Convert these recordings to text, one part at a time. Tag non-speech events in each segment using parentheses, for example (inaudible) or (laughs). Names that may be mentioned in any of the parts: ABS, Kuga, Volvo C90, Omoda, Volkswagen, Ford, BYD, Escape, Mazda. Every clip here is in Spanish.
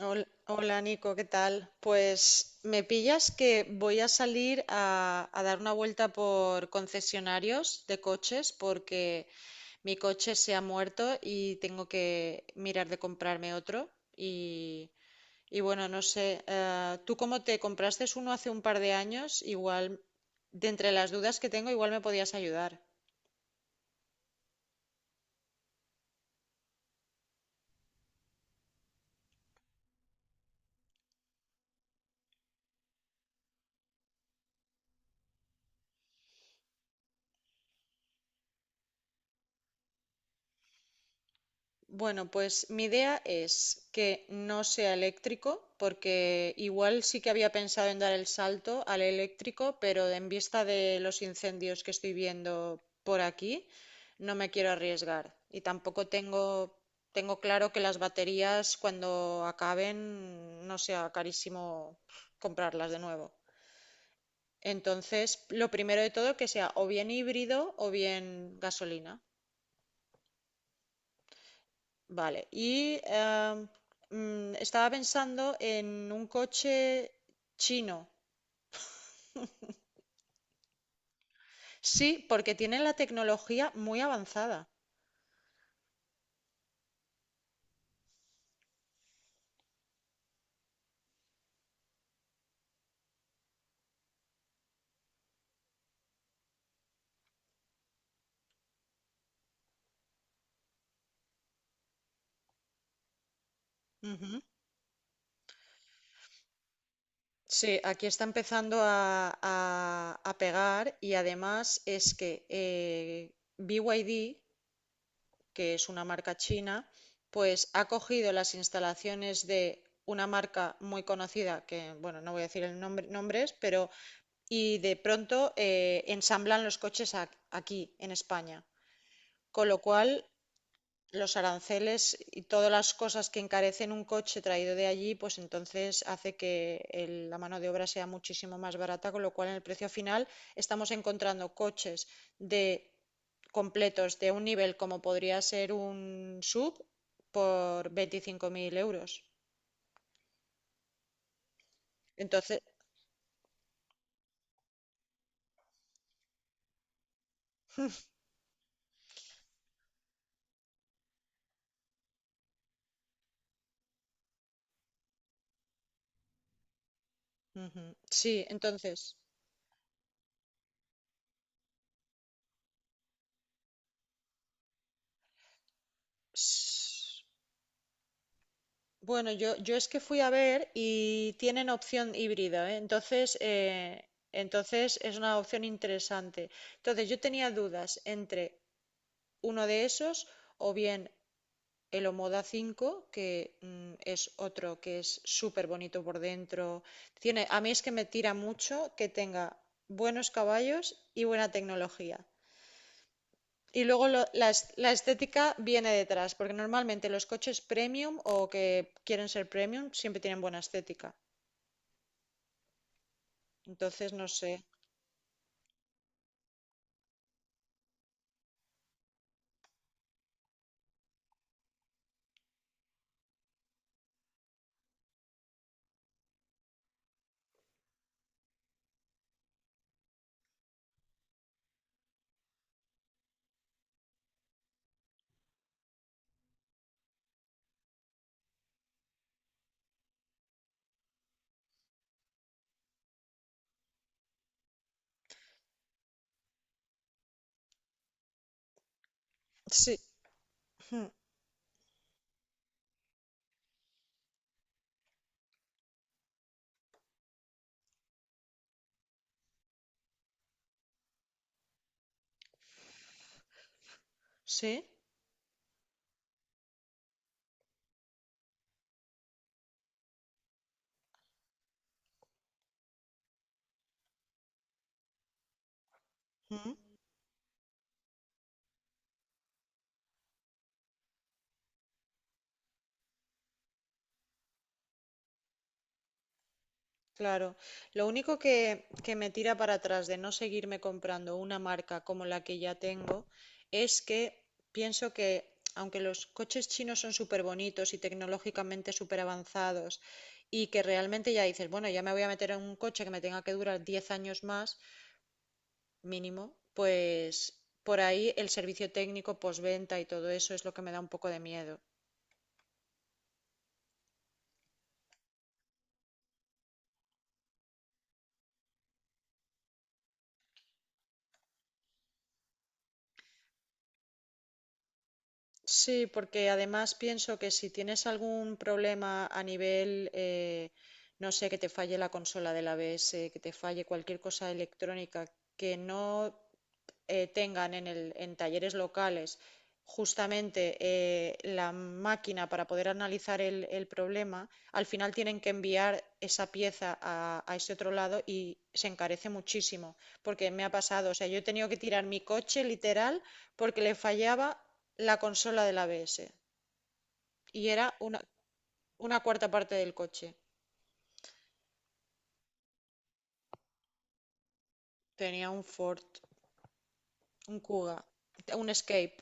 Hola, Nico, ¿qué tal? Pues me pillas que voy a salir a dar una vuelta por concesionarios de coches porque mi coche se ha muerto y tengo que mirar de comprarme otro. Y, y bueno, no sé, tú como te compraste uno hace un par de años, igual, de entre las dudas que tengo, igual me podías ayudar. Bueno, pues mi idea es que no sea eléctrico, porque igual sí que había pensado en dar el salto al eléctrico, pero en vista de los incendios que estoy viendo por aquí, no me quiero arriesgar. Y tampoco tengo, tengo claro que las baterías cuando acaben no sea carísimo comprarlas de nuevo. Entonces, lo primero de todo que sea o bien híbrido o bien gasolina. Vale, y estaba pensando en un coche chino. Sí, porque tienen la tecnología muy avanzada. Ujú. Sí, aquí está empezando a pegar y además es que BYD, que es una marca china, pues ha cogido las instalaciones de una marca muy conocida, que bueno, no voy a decir el nombre, nombres, pero y de pronto ensamblan los coches aquí, en España. Con lo cual, los aranceles y todas las cosas que encarecen un coche traído de allí, pues entonces hace que la mano de obra sea muchísimo más barata, con lo cual en el precio final estamos encontrando coches de completos de un nivel como podría ser un sub por 25.000 euros. Entonces, ujú, sí, entonces, bueno, yo es que fui a ver y tienen opción híbrida, ¿eh? Entonces, entonces es una opción interesante. Entonces yo tenía dudas entre uno de esos o bien el Omoda 5 que es otro que es súper bonito por dentro. Tiene, a mí es que me tira mucho que tenga buenos caballos y buena tecnología. Y luego la estética viene detrás, porque normalmente los coches premium o que quieren ser premium siempre tienen buena estética. Entonces, no sé. Sí, mm, sí, mm, claro. Lo único que me tira para atrás de no seguirme comprando una marca como la que ya tengo es que pienso que, aunque los coches chinos son súper bonitos y tecnológicamente súper avanzados, y que realmente ya dices, bueno, ya me voy a meter en un coche que me tenga que durar 10 años más mínimo, pues por ahí el servicio técnico, postventa y todo eso es lo que me da un poco de miedo. Sí, porque además pienso que si tienes algún problema a nivel, no sé, que te falle la consola del ABS, que te falle cualquier cosa electrónica, que no tengan en, el- en talleres locales justamente la máquina para poder analizar el problema, al final tienen que enviar esa pieza a ese otro lado y se encarece muchísimo, porque me ha pasado, o sea, yo he tenido que tirar mi coche literal porque le fallaba la consola del ABS y era una cuarta parte del coche. Tenía un Ford, un Kuga, un Escape.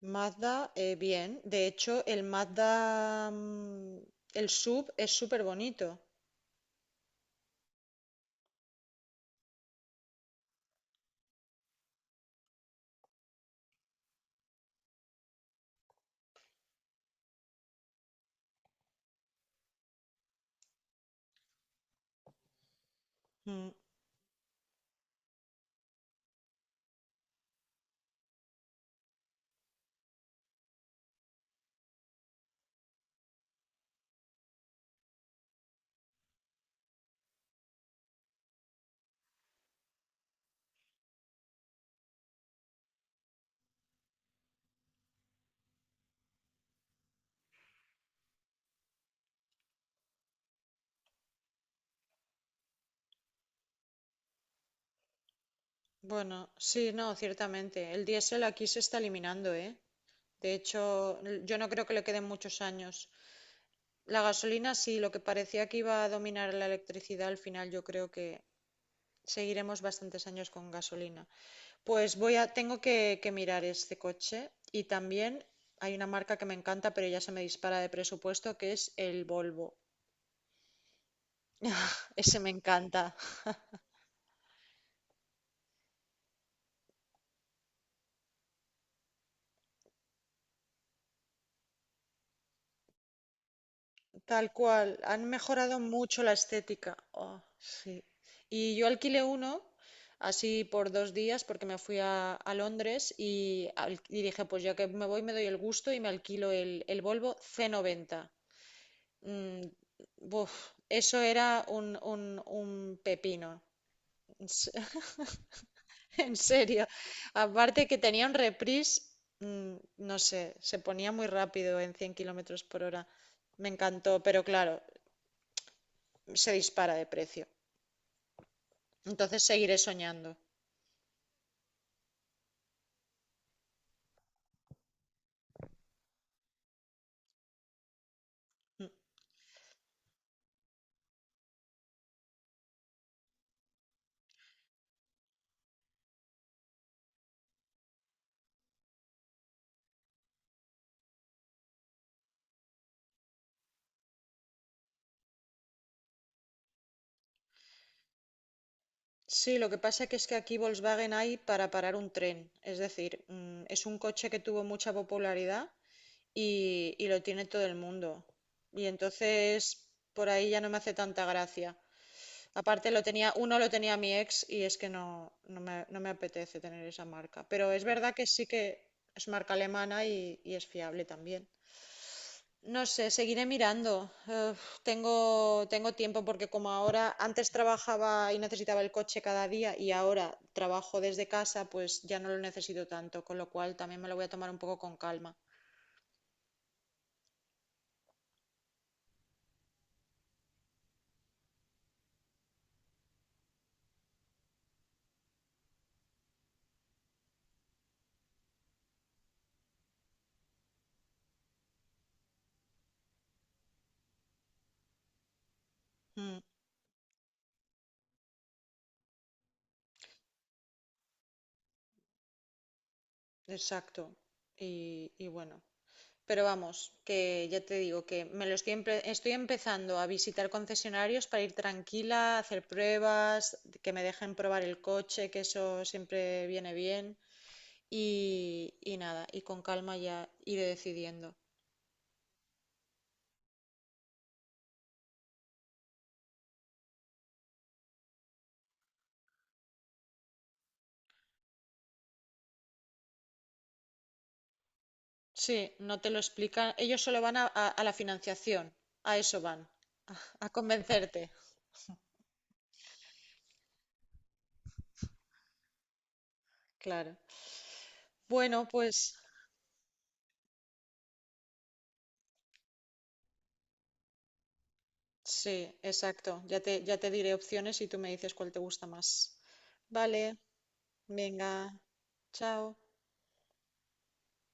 Mazda, bien. De hecho, el Mazda, el sub es súper bonito. Mm, bueno, sí, no, ciertamente. El diésel aquí se está eliminando, ¿eh? De hecho, yo no creo que le queden muchos años. La gasolina sí, lo que parecía que iba a dominar la electricidad, al final yo creo que seguiremos bastantes años con gasolina. Pues tengo que mirar este coche y también hay una marca que me encanta, pero ya se me dispara de presupuesto, que es el Volvo. Ese me encanta. Tal cual. Han mejorado mucho la estética. Oh, sí. Y yo alquilé uno así por 2 días porque me fui a Londres y dije, pues ya que me voy me doy el gusto y me alquilo el Volvo C90. Mm, buf, eso era un pepino. En se- (laughs) en serio. Aparte que tenía un reprise, mm, no sé, se ponía muy rápido en 100 kilómetros por hora. Me encantó, pero claro, se dispara de precio. Entonces seguiré soñando. Mm. Sí, lo que pasa que es que aquí Volkswagen hay para parar un tren. Es decir, es un coche que tuvo mucha popularidad y lo tiene todo el mundo. Y entonces por ahí ya no me hace tanta gracia. Aparte lo tenía, uno lo tenía mi ex y es que no, no me apetece tener esa marca. Pero es verdad que sí que es marca alemana y es fiable también. No sé, seguiré mirando. Eh, tengo tiempo porque como ahora antes trabajaba y necesitaba el coche cada día y ahora trabajo desde casa, pues ya no lo necesito tanto, con lo cual también me lo voy a tomar un poco con calma. Mm, exacto. Y bueno. Pero vamos, que ya te digo que me lo estoy, empe- estoy empezando a visitar concesionarios para ir tranquila, hacer pruebas, que me dejen probar el coche, que eso siempre viene bien. Y nada, y con calma ya iré decidiendo. Sí, no te lo explican. Ellos solo van a la financiación, a eso van, (laughs) a, a convencerte, claro. Bueno, pues sí, exacto. Ya te diré opciones y tú me dices cuál te gusta más. Vale, venga, chao.